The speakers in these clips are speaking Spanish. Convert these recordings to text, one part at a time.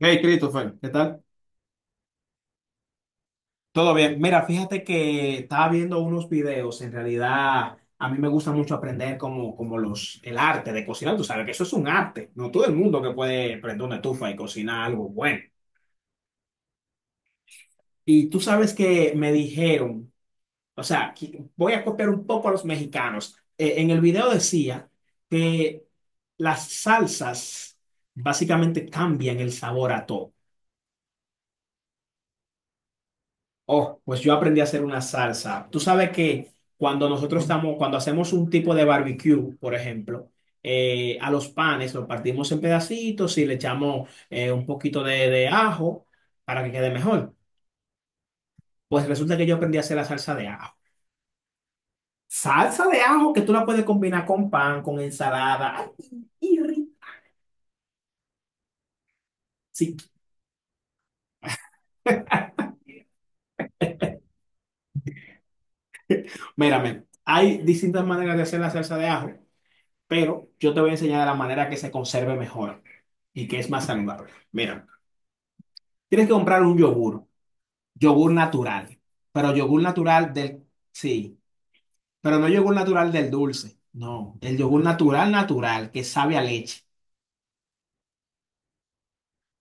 Hey, Christopher, ¿qué tal? Todo bien. Mira, fíjate que estaba viendo unos videos. En realidad, a mí me gusta mucho aprender como el arte de cocinar. Tú sabes que eso es un arte. No todo el mundo que puede prender una estufa y cocinar algo bueno. Y tú sabes que me dijeron, o sea, voy a copiar un poco a los mexicanos. En el video decía que las salsas básicamente cambian el sabor a todo. Oh, pues yo aprendí a hacer una salsa. Tú sabes que cuando nosotros estamos, cuando hacemos un tipo de barbecue, por ejemplo, a los panes los partimos en pedacitos y le echamos un poquito de ajo para que quede mejor. Pues resulta que yo aprendí a hacer la salsa de ajo. Salsa de ajo que tú la puedes combinar con pan, con ensalada. Ay, y ri- sí, mírame, hay distintas maneras de hacer la salsa de ajo, pero yo te voy a enseñar la manera que se conserve mejor y que es más saludable. Mira. Tienes que comprar un yogur, yogur natural, pero yogur natural del, sí, pero no yogur natural del dulce, no, el yogur natural natural que sabe a leche,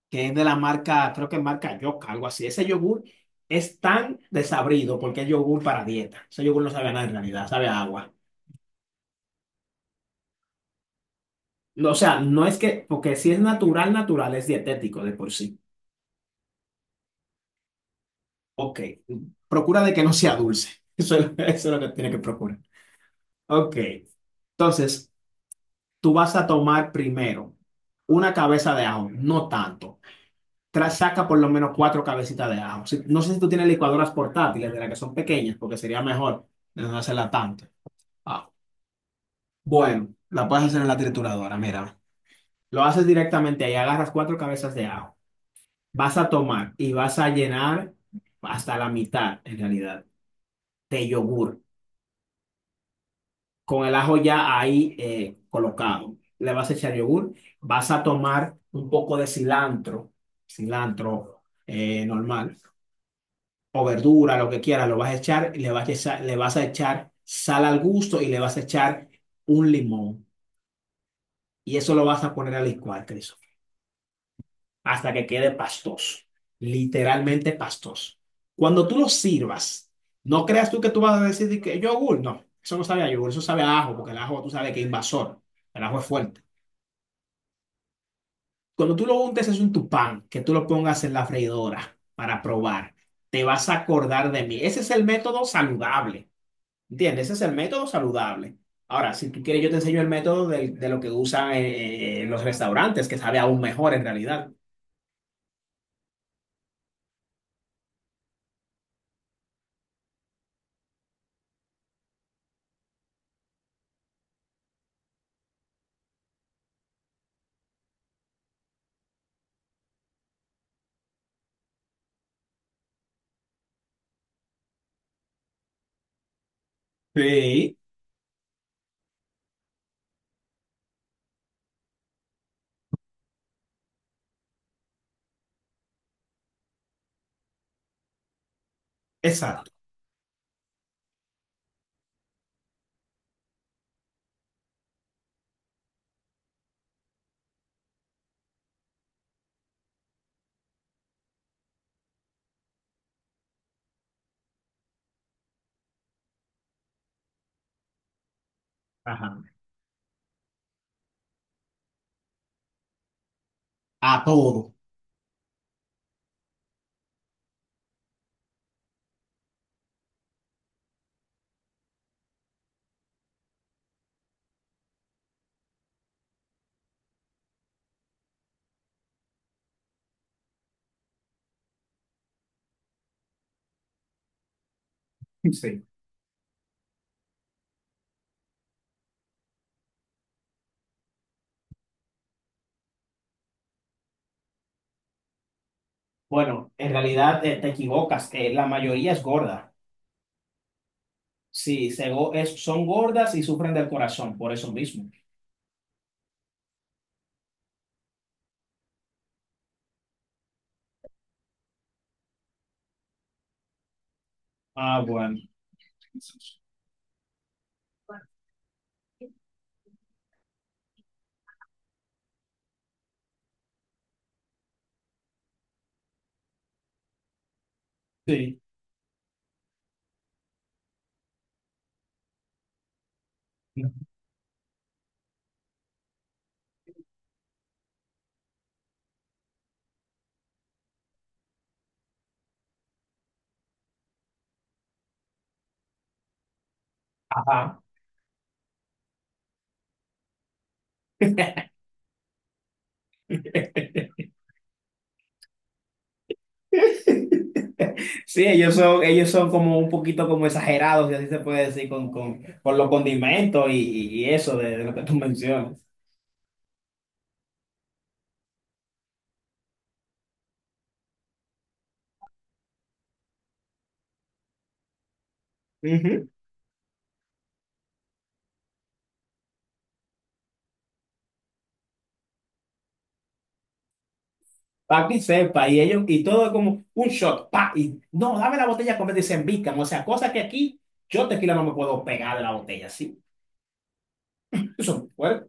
que es de la marca, creo que marca Yoka, algo así. Ese yogur es tan desabrido porque es yogur para dieta. Ese yogur no sabe a nada en realidad, sabe a agua. No, o sea, no es que, porque si es natural, natural, es dietético de por sí. Ok, procura de que no sea dulce. Eso es lo que tiene que procurar. Ok, entonces tú vas a tomar primero una cabeza de ajo, no tanto. Saca por lo menos cuatro cabecitas de ajo. No sé si tú tienes licuadoras portátiles de las que son pequeñas, porque sería mejor de no hacerla tanto. Ah, bueno, la puedes hacer en la trituradora, mira. Lo haces directamente ahí, agarras cuatro cabezas de ajo. Vas a tomar y vas a llenar hasta la mitad, en realidad, de yogur, con el ajo ya ahí colocado. Le vas a echar yogur, vas a tomar un poco de cilantro, cilantro normal, o verdura, lo que quieras, lo vas a echar, y le vas a echar, le vas a echar sal al gusto y le vas a echar un limón. Y eso lo vas a poner a licuar, Christopher, hasta que quede pastoso, literalmente pastoso. Cuando tú lo sirvas, no creas tú que tú vas a decir de que yogur, no, eso no sabe a yogur, eso sabe a ajo, porque el ajo tú sabes que es invasor, el ajo es fuerte. Cuando tú lo untes es un tupán, que tú lo pongas en la freidora para probar, te vas a acordar de mí. Ese es el método saludable, ¿entiendes? Ese es el método saludable. Ahora, si tú quieres, yo te enseño el método de lo que usan los restaurantes, que sabe aún mejor en realidad. Sí, exacto. Ajá, a todo. Sí. Bueno, en realidad te equivocas. La mayoría es gorda. Sí, son gordas y sufren del corazón, por eso mismo. Ah, bueno. Sí. Ajá. Sí, ellos son como un poquito como exagerados, si así se puede decir, con los condimentos y eso de lo que tú mencionas. Para que sepa, y ellos, y todo es como un shot, pa, y no, dame la botella completa y se embican. O sea, cosas que aquí yo tequila no me puedo pegar de la botella, sí. Eso, bueno,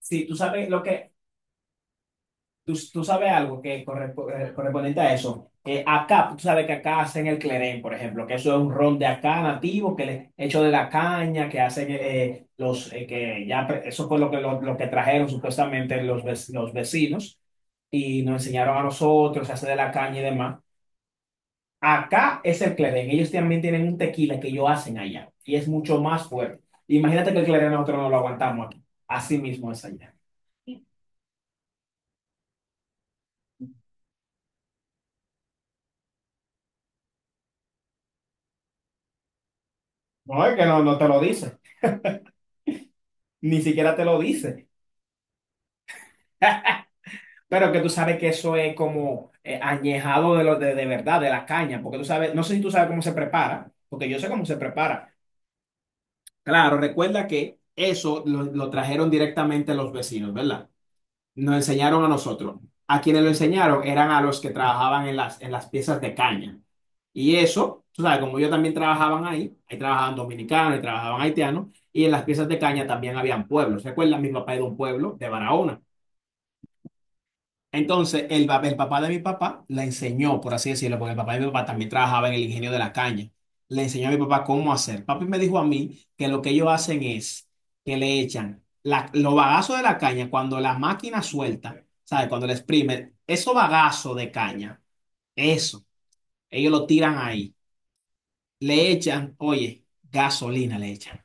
si tú sabes lo que tú sabes algo que correspondiente a eso. Acá, tú sabes que acá hacen el clerén, por ejemplo, que eso es un ron de acá nativo, que le, hecho de la caña, que hacen los, que ya, pre- eso fue lo que, lo que trajeron supuestamente los, los vecinos y nos enseñaron a nosotros, se hace de la caña y demás. Acá es el clerén, ellos también tienen un tequila que ellos hacen allá y es mucho más fuerte. Imagínate que el clerén nosotros no lo aguantamos aquí, así mismo es allá. No, es que no, no te lo dice, ni siquiera te lo dice. Pero que tú sabes que eso es como añejado de verdad, de la caña, porque tú sabes, no sé si tú sabes cómo se prepara, porque yo sé cómo se prepara. Claro, recuerda que eso lo trajeron directamente los vecinos, ¿verdad? Nos enseñaron a nosotros. A quienes lo enseñaron eran a los que trabajaban en las piezas de caña. Y eso, tú sabes, como yo también trabajaban ahí, ahí trabajaban dominicanos, ahí trabajaban haitianos, y en las piezas de caña también habían pueblos. ¿Recuerdas? Mi papá era de un pueblo de Barahona. Entonces, el papá de mi papá le enseñó, por así decirlo, porque el papá de mi papá también trabajaba en el ingenio de la caña. Le enseñó a mi papá cómo hacer. Papi me dijo a mí que lo que ellos hacen es que los bagazos de la caña cuando la máquina suelta, ¿sabes? Cuando le exprime, esos bagazos de caña, eso, ellos lo tiran ahí. Le echan, oye, gasolina le echan.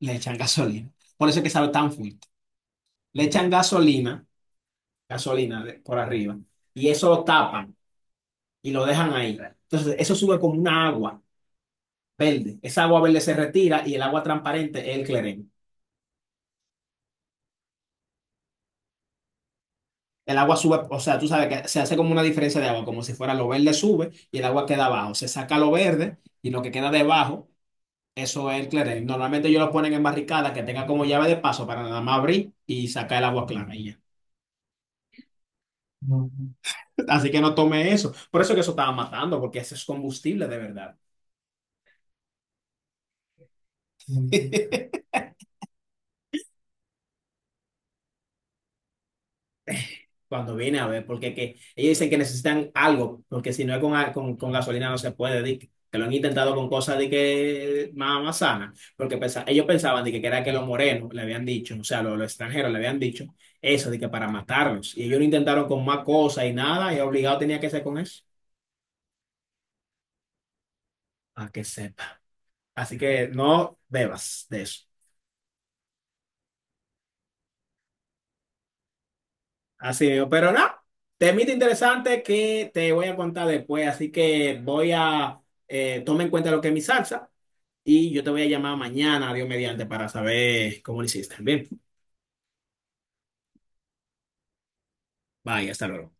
Le echan gasolina. Por eso es que sabe tan fuerte. Le echan gasolina, gasolina por arriba, y eso lo tapan y lo dejan ahí. Entonces, eso sube como una agua verde. Esa agua verde se retira y el agua transparente es el clerén. El agua sube, o sea, tú sabes que se hace como una diferencia de agua, como si fuera lo verde sube y el agua queda abajo. Se saca lo verde y lo que queda debajo, eso es el clerén. Normalmente ellos lo ponen en barricadas que tenga como llave de paso para nada más abrir y sacar el agua clara y ya. No, así que no tome eso. Por eso que eso estaba matando, porque ese es combustible de verdad. Cuando viene a ver, porque que, ellos dicen que necesitan algo, porque si no es con, con gasolina no se puede, di que lo han intentado con cosas de que más, más sanas, porque ellos pensaban de que era que los morenos le habían dicho, o sea, los extranjeros le habían dicho eso, de que para matarlos, y ellos lo intentaron con más cosas y nada, y obligado tenía que ser con eso, a que sepa. Así que no bebas de eso. Así mismo, pero no, temita interesante que te voy a contar después, así que voy a, toma en cuenta lo que es mi salsa y yo te voy a llamar mañana, Dios mediante, para saber cómo lo hiciste. Bien, bye, hasta luego.